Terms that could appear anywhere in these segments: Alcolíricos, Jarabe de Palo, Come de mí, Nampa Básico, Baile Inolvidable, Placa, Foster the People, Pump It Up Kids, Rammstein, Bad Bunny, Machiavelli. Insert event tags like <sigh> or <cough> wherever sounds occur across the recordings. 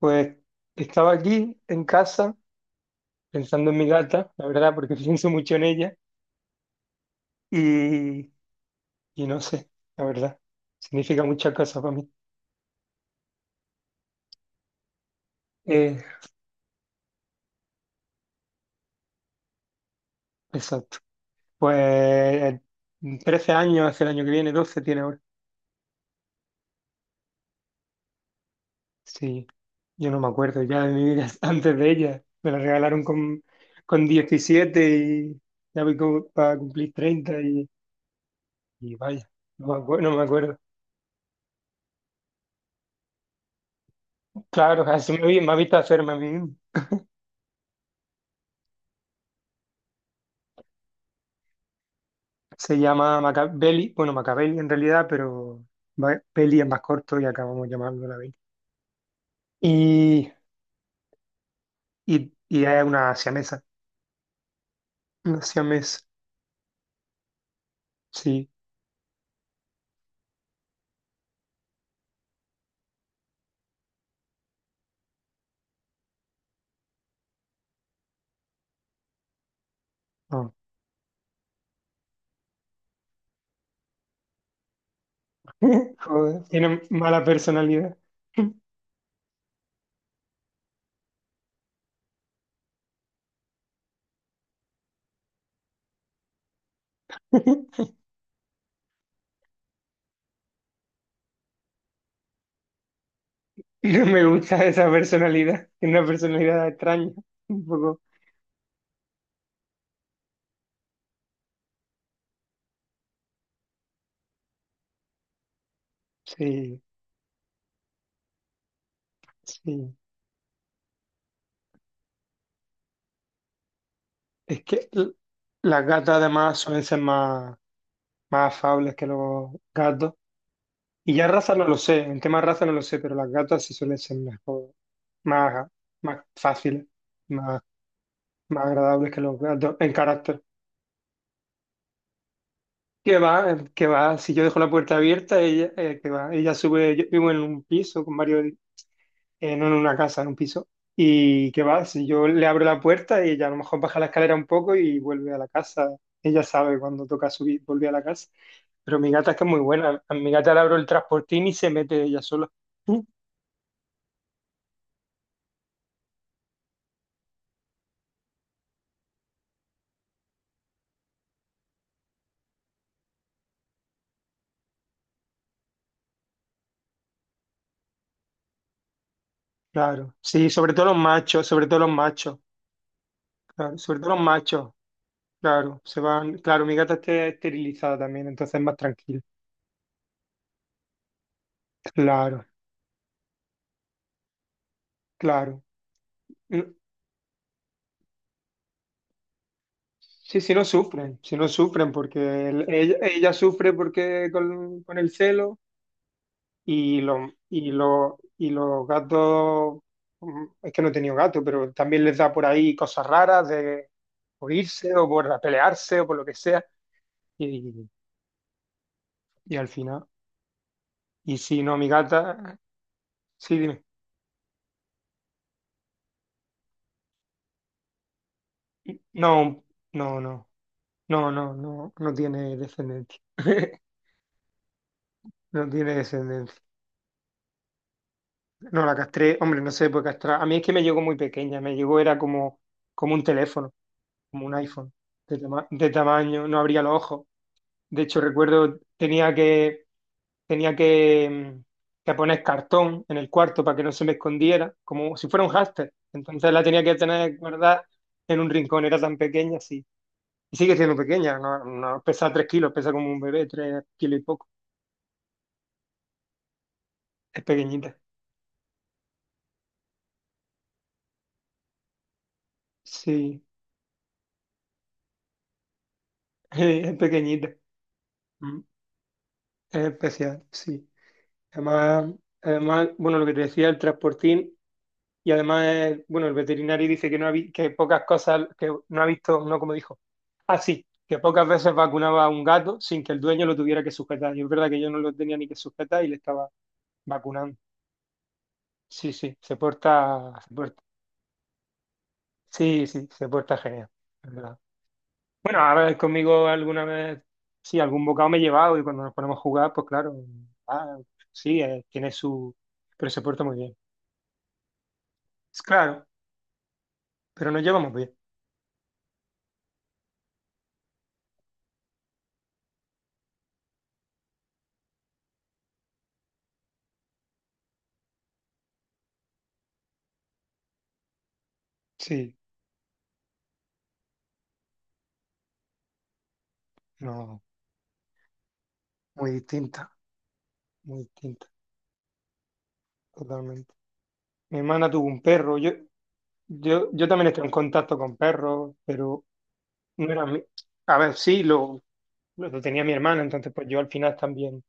Pues estaba aquí en casa pensando en mi gata, la verdad, porque <laughs> pienso mucho en ella y, y no sé, la verdad, significa muchas cosas para mí. Eh, exacto. Pues 13 años, hace el año que viene, 12 tiene ahora. Sí, yo no me acuerdo ya de mi vida <laughs> antes de ella. Me la regalaron con 17 y ya voy como para cumplir treinta y vaya, no me acuerdo. Claro, me ha visto hacerme a mí mismo. Se llama Machiavelli, bueno, Machiavelli en realidad, pero Peli es más corto y acabamos llamando la Belly. Y, y es una siamesa, una siamesa, sí. No. <laughs> Joder, tiene mala personalidad. <laughs> No me gusta esa personalidad, tiene una personalidad extraña, un poco. Sí, sí. Es que l- las gatas además suelen ser más, más afables que los gatos. Y ya raza no lo sé, en tema raza no lo sé, pero las gatas sí suelen ser mejor más, más fáciles, más, más agradables que los gatos en carácter. Que va, si yo dejo la puerta abierta, ella, que va, ella sube, yo vivo en un piso con varios, no en una casa, en un piso, y que va, si yo le abro la puerta, ella a lo mejor baja la escalera un poco y vuelve a la casa, ella sabe cuando toca subir, vuelve a la casa, pero mi gata es que es muy buena, a mi gata le abro el transportín y se mete ella sola. Mm. Claro, sí, sobre todo los machos, sobre todo los machos, claro, sobre todo los machos. Claro, se va, claro, mi gata está esterilizada también, entonces es más tranquila. Claro, claro. Mm. Sí, sí, no sufren, porque ella, sufre porque con el celo y los gatos, es que no he tenido gato, pero también les da por ahí cosas raras de por irse o por pelearse o por lo que sea. Y, y al final, y si no, mi gata, sí, dime. No, no, no. No, no, no, no tiene descendencia. <laughs> No tiene descendencia. No, la castré, hombre, no se puede castrar. A mí es que me llegó muy pequeña, me llegó, era como, como un teléfono, como un iPhone, de, de tamaño, no abría los ojos. De hecho, recuerdo, tenía que, mm, que poner cartón en el cuarto para que no se me escondiera, como si fuera un hámster. Entonces la tenía que tener guardada en un rincón, era tan pequeña, sí. Y sigue siendo pequeña, no, no, pesa 3 kilos, pesa como un bebé, 3 kilos y poco, es pequeñita. Sí, <laughs> es pequeñita, mm, es especial, sí. Además, además, bueno, lo que te decía, el transportín, y además, bueno, el veterinario dice que no ha vi- que pocas cosas, que no ha visto, no como dijo. Ah, sí, que pocas veces vacunaba a un gato sin que el dueño lo tuviera que sujetar. Y es verdad que yo no lo tenía ni que sujetar y le estaba vacunando. Sí, sí, se porta, se porta. Sí, sí, se porta genial. Bueno, a ver, conmigo alguna vez, sí, algún bocado me he llevado y cuando nos ponemos a jugar, pues claro, ah, sí, tiene su... pero se porta muy bien. Es claro, pero nos llevamos bien. Sí, no, muy distinta, muy distinta, totalmente. Mi hermana tuvo un perro, yo también estoy en contacto con perros, pero no era mi... A ver, sí, lo tenía mi hermana, entonces pues yo al final también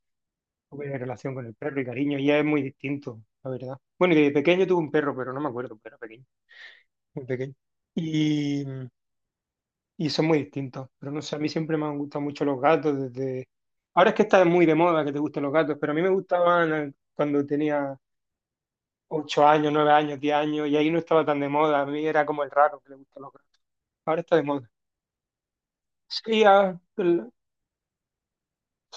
tuve relación con el perro y cariño, y es muy distinto, la verdad. Bueno, y de pequeño tuve un perro, pero no me acuerdo, pero pequeño. Muy pequeño. Y, y son muy distintos. Pero no sé, a mí siempre me han gustado mucho los gatos desde... Ahora es que está muy de moda que te gusten los gatos, pero a mí me gustaban cuando tenía 8 años, 9 años, 10 años, y ahí no estaba tan de moda. A mí era como el raro que le gustan los gatos. Ahora está de moda. Sí,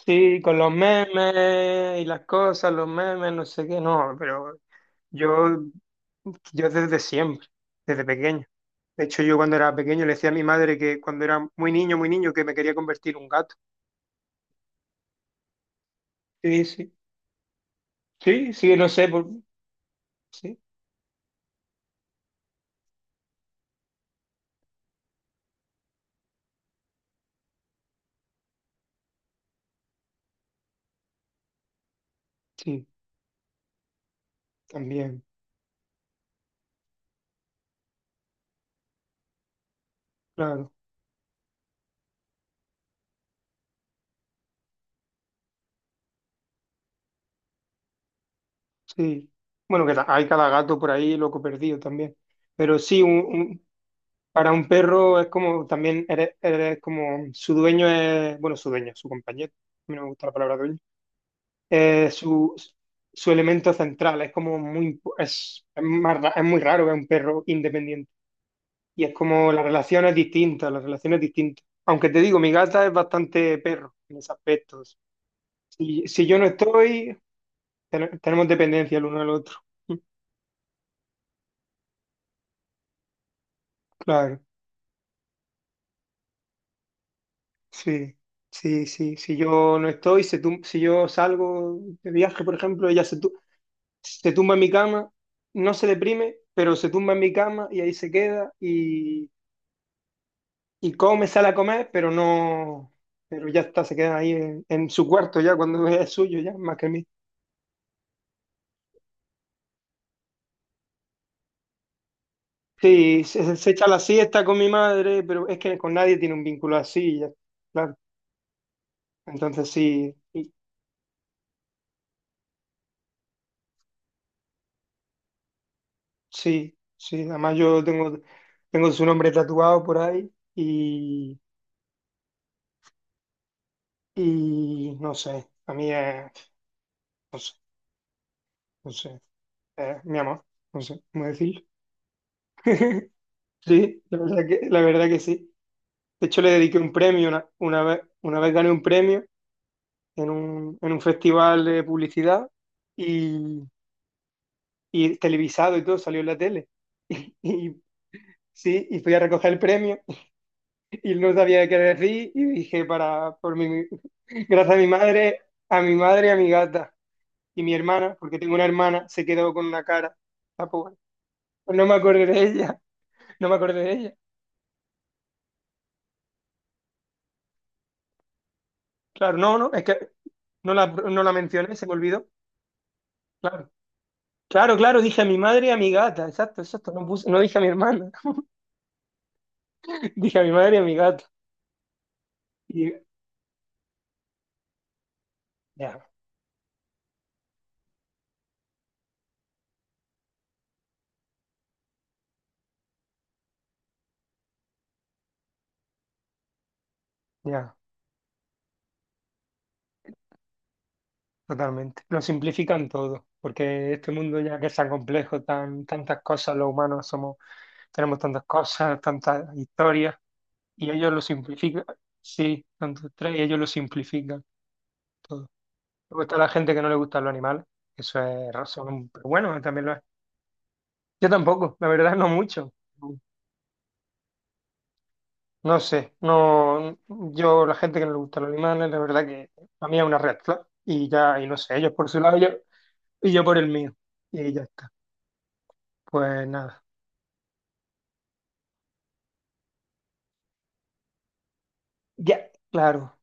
sí, con los memes y las cosas, los memes, no sé qué, no, pero Yo, yo desde siempre, desde pequeño. De hecho, yo cuando era pequeño le decía a mi madre que cuando era muy niño, que me quería convertir en un gato. Sí, sí, sí, sí, no sé, por... sí, sí, también, claro, sí. Bueno, hay cada gato por ahí loco perdido también. Pero sí, para un perro es como, también eres, eres como, su dueño es, bueno, su dueño, su compañero. A mí no me gusta la palabra dueño su, su elemento central. Es como muy, es, es muy raro ver un perro independiente. Y es como la relación es distinta, la relación es distinta. Aunque te digo, mi gata es bastante perro en ese aspecto. Si, si yo no estoy, tenemos dependencia el uno al otro. <laughs> Claro, sí, sí, sí. Si yo no estoy, si yo salgo de viaje, por ejemplo, se tumba en mi cama, no se deprime, pero se tumba en mi cama y ahí se queda y come, sale a comer, pero no, pero ya está, se queda ahí en su cuarto ya, cuando <laughs> es suyo ya, más que mío. Sí, se echa la siesta con mi madre, pero es que con nadie tiene un vínculo así, ya, claro. Entonces sí, sí, sí, además yo tengo, tengo su nombre tatuado por ahí y no sé, a mí es, no sé, no sé, es mi amor, no sé cómo decirlo. <laughs> Sí, la verdad que sí. De hecho, le dediqué un premio, una vez gané un premio en un festival de publicidad y, y televisado y todo, salió en la tele. <laughs> Y sí, y fui a recoger el premio y no sabía qué decir y dije para, por mi, gracias a mi madre y a mi gata y mi hermana, porque tengo una hermana, se quedó con una cara. Ah, pues bueno, pues no me acordé de ella, <laughs> no me acordé de ella. Claro, no, no, es que no la, no la mencioné, se me olvidó. Claro. Claro, claro, dije a mi madre y a mi gata, exacto, exacto, no puse, no dije a mi hermana, <laughs> dije a mi madre y a mi gata. Y ya, ya, totalmente. Lo simplifican todo, porque este mundo ya que es tan complejo, tan, tantas cosas, los humanos somos, tenemos tantas cosas, tantas historias, y ellos lo simplifican, sí, tantos tres, y ellos lo simplifican todo. Luego está la gente que no le gustan los animales, eso es razón, pero bueno, también lo es. Yo tampoco, la verdad, no mucho. No sé, no, yo, la gente que no le gusta los animales, la verdad que a mí es una red flag. Y ya, y no sé, ellos por su lado y yo por el mío. Y ya está. Pues nada, ya, claro.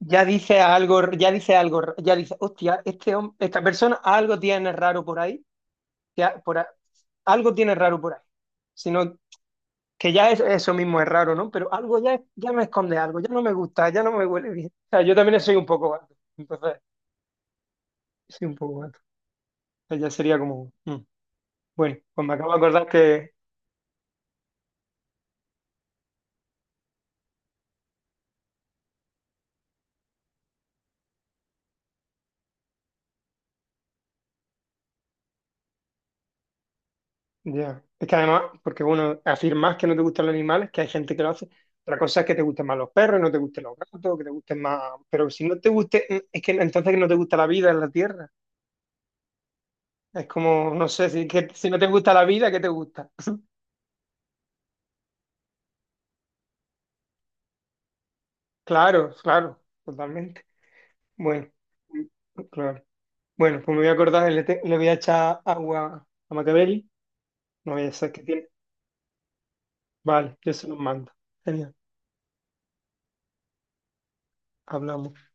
Ya dice algo, ya dice algo, ya dice, hostia, esta persona algo tiene raro por ahí, ya por a- algo tiene raro por ahí. Sino que ya es, eso mismo es raro, ¿no? Pero algo ya, ya me esconde algo, ya no me gusta, ya no me huele bien. O sea, yo también soy un poco gato. Entonces, soy un poco gato. O sea, ya sería como. Mm. Bueno, pues me acabo de acordar que, ya, es que además, porque uno afirmas que no te gustan los animales, que hay gente que lo hace, otra cosa es que te gusten más los perros, no te gusten los gatos, que te gusten más, pero si no te guste, es que entonces no te gusta la vida en la tierra, es como, no sé, si, que, si no te gusta la vida, ¿qué te gusta? <laughs> Claro, claro, totalmente. Bueno, claro. Bueno, pues me voy a acordar, le voy a echar agua a Machiavelli, no voy a ser que tiene. Vale, yo se los mando. Genial, hablamos.